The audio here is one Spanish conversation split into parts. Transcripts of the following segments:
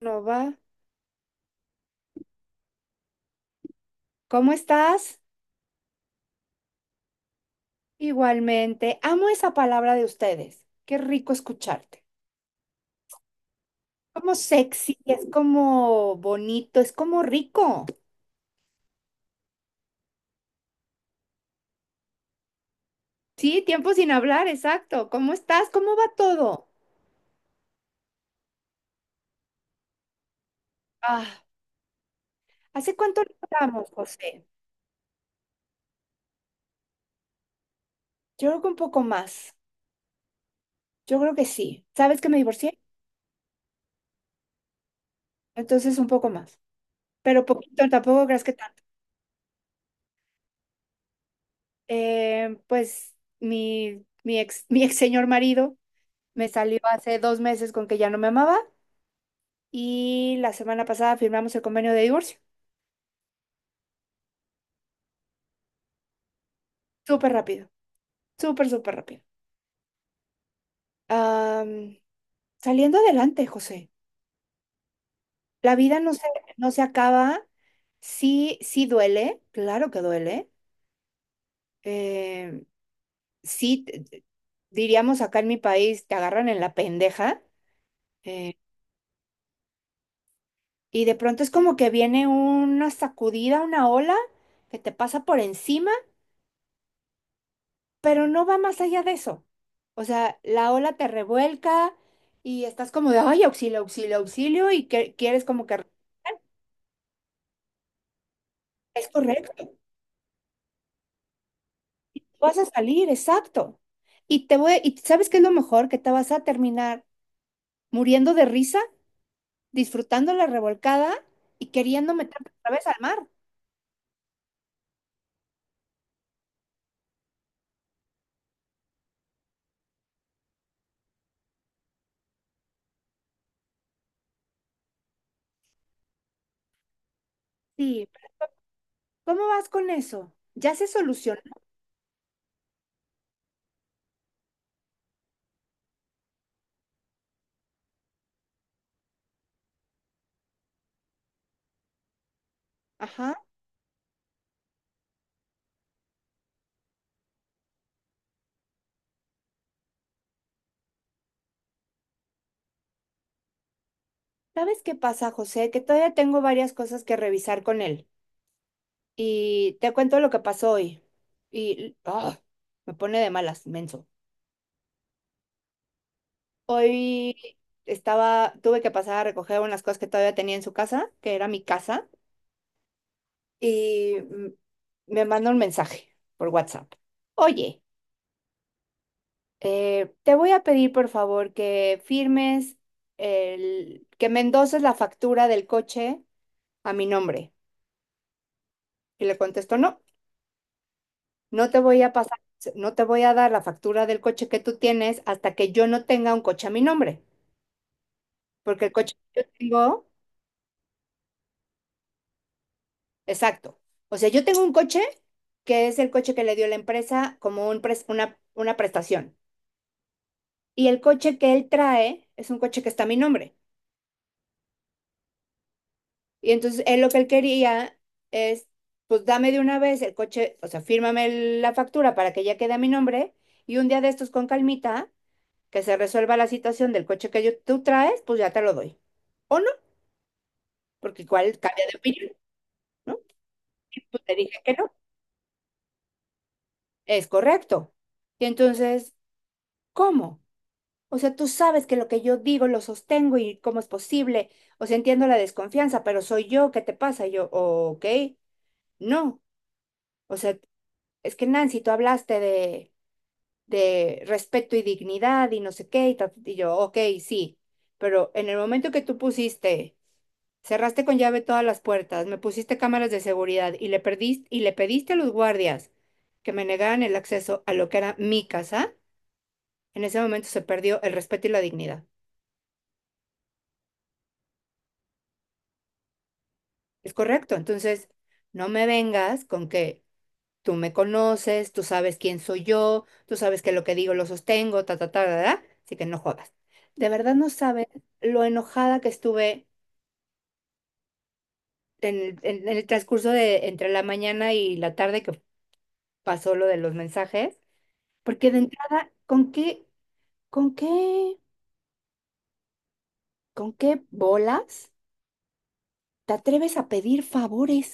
No va. ¿Cómo estás? Igualmente. Amo esa palabra de ustedes. Qué rico escucharte. Como sexy, es como bonito, es como rico. Sí, tiempo sin hablar, exacto. ¿Cómo estás? ¿Cómo va todo? Ah, ¿Hace cuánto no hablamos, José? Yo creo que un poco más. Yo creo que sí. ¿Sabes que me divorcié? Entonces un poco más. Pero poquito, tampoco creas que tanto. Pues mi ex, mi ex señor marido me salió hace dos meses con que ya no me amaba, y la semana pasada firmamos el convenio de divorcio. Súper rápido, súper rápido. Am, saliendo adelante, José. La vida no se, no se acaba. Sí, sí duele, claro que duele. Eh, sí, diríamos acá en mi país, te agarran en la pendeja. eh, y de pronto es como que viene una sacudida, una ola que te pasa por encima, pero no va más allá de eso. O sea, la ola te revuelca y estás como de, ay, auxilio, auxilio, auxilio, y que quieres como que es correcto, vas a salir, exacto. Y ¿sabes qué es lo mejor? Que te vas a terminar muriendo de risa, disfrutando la revolcada y queriendo meterte otra vez al mar. Sí, ¿cómo vas con eso? Ya se solucionó. Ajá. ¿Sabes qué pasa, José? Que todavía tengo varias cosas que revisar con él. Y te cuento lo que pasó hoy. Y ah, Me pone de malas, menso. Hoy estaba, tuve que pasar a recoger unas cosas que todavía tenía en su casa, que era mi casa, y me mandó un mensaje por WhatsApp. Oye, te voy a pedir por favor que firmes que me endoses la factura del coche a mi nombre. Y le contesto, no. No te voy a pasar, no te voy a dar la factura del coche que tú tienes hasta que yo no tenga un coche a mi nombre, porque el coche que yo tengo, exacto. O sea, yo tengo un coche que es el coche que le dio la empresa como un una prestación. Y el coche que él trae es un coche que está a mi nombre. Y entonces él lo que él quería es, pues dame de una vez el coche, o sea, fírmame la factura para que ya quede a mi nombre y un día de estos con calmita que se resuelva la situación del coche que yo, tú traes, pues ya te lo doy. O no, porque igual cambia de opinión, ¿no? Y pues te dije que no, es correcto. Y entonces, ¿cómo? O sea, tú sabes que lo que yo digo lo sostengo y cómo es posible. O sea, entiendo la desconfianza, pero soy yo, ¿qué te pasa? Y yo, ok, no. O sea, es que Nancy, tú hablaste de respeto y dignidad y no sé qué, y, y yo, ok, sí. Pero en el momento que tú pusiste, cerraste con llave todas las puertas, me pusiste cámaras de seguridad y le pediste a los guardias que me negaran el acceso a lo que era mi casa. En ese momento se perdió el respeto y la dignidad. Es correcto. Entonces, no me vengas con que tú me conoces, tú sabes quién soy yo, tú sabes que lo que digo lo sostengo, ta, ta, ta, ta, ta. Así que no jodas. De verdad no sabes lo enojada que estuve en el transcurso de entre la mañana y la tarde que pasó lo de los mensajes. Porque de entrada, con qué, ¿con qué bolas te atreves a pedir favores?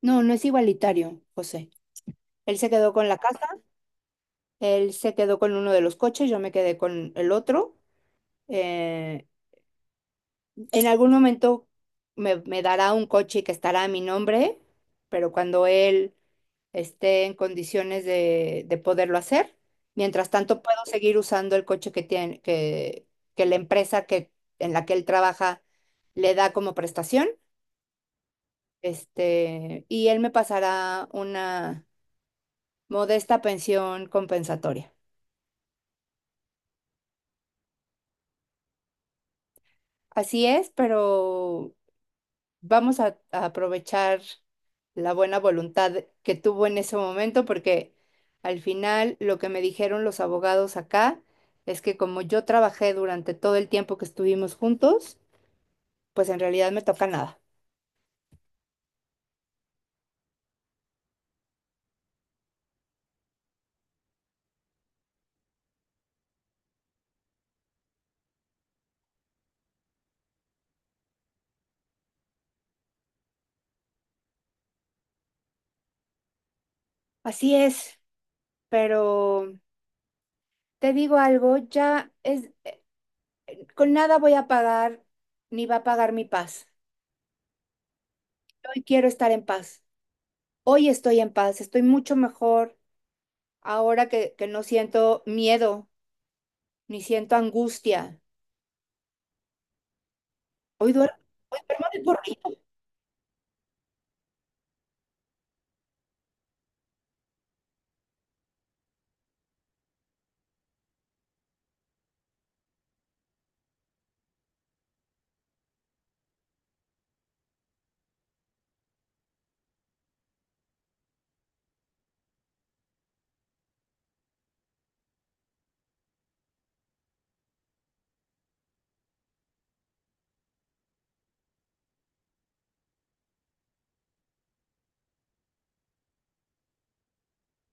No, no es igualitario, José. Él se quedó con la casa, él se quedó con uno de los coches, yo me quedé con el otro. Eh, en algún momento me dará un coche que estará a mi nombre, pero cuando él esté en condiciones de poderlo hacer. Mientras tanto, puedo seguir usando el coche que tiene, que la empresa en la que él trabaja le da como prestación. Y él me pasará una modesta pensión compensatoria. Así es, pero vamos a aprovechar la buena voluntad que tuvo en ese momento, porque al final lo que me dijeron los abogados acá es que como yo trabajé durante todo el tiempo que estuvimos juntos, pues en realidad me toca nada. Así es, pero te digo algo, ya es, con nada voy a pagar ni va a pagar mi paz. Hoy quiero estar en paz. Hoy estoy en paz, estoy mucho mejor ahora que no siento miedo ni siento angustia. Hoy duermo, hoy duermo de corrido.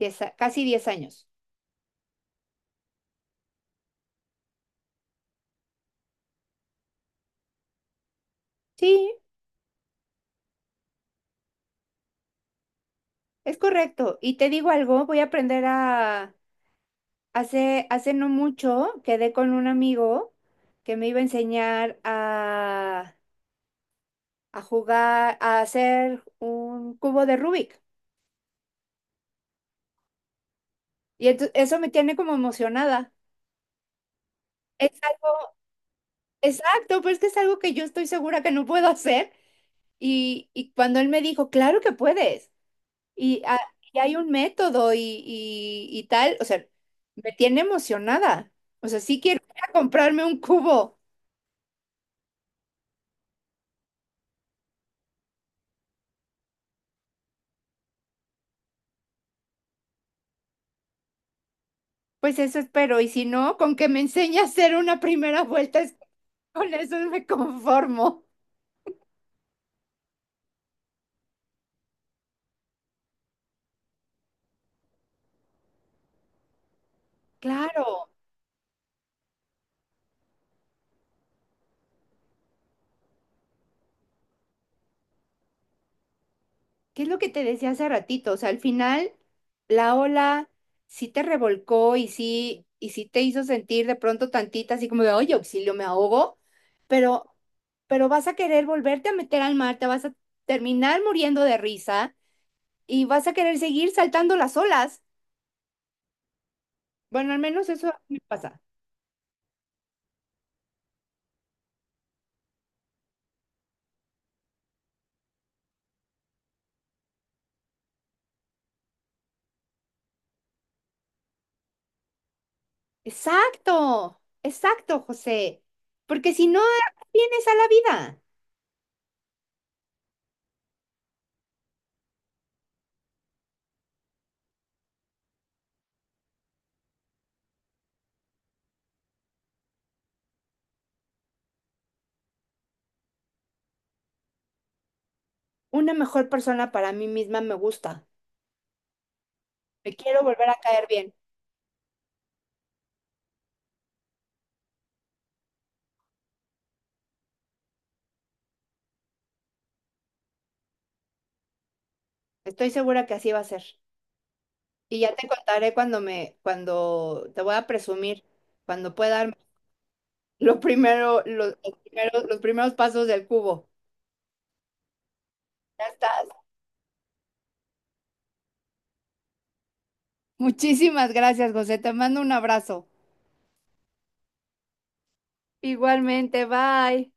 Casi 10 años. Sí, es correcto. Y te digo algo, voy a aprender a... Hace no mucho quedé con un amigo que me iba a enseñar a jugar, a hacer un cubo de Rubik. Y eso me tiene como emocionada. Es algo, exacto, pero es que es algo que yo estoy segura que no puedo hacer. Y cuando él me dijo, claro que puedes. Y, ah, y hay un método y tal, o sea, me tiene emocionada. O sea, sí quiero ir a comprarme un cubo, pues eso espero. Y si no, con que me enseñe a hacer una primera vuelta, con eso me conformo. Claro. ¿Qué es lo que te decía hace ratito? O sea, al final la ola sí te revolcó y sí te hizo sentir de pronto tantita así como de, oye, auxilio, me ahogo, pero, pero vas a querer volverte a meter al mar, te vas a terminar muriendo de risa y vas a querer seguir saltando las olas. Bueno, al menos eso me pasa. Exacto, exacto, José. Porque si no, vienes a la vida. Una mejor persona para mí misma me gusta. Me quiero volver a caer bien. Estoy segura que así va a ser. Y ya te contaré cuando te voy a presumir, cuando pueda dar lo primero, los primeros pasos del cubo. Ya estás. Muchísimas gracias, José. Te mando un abrazo. Igualmente, bye.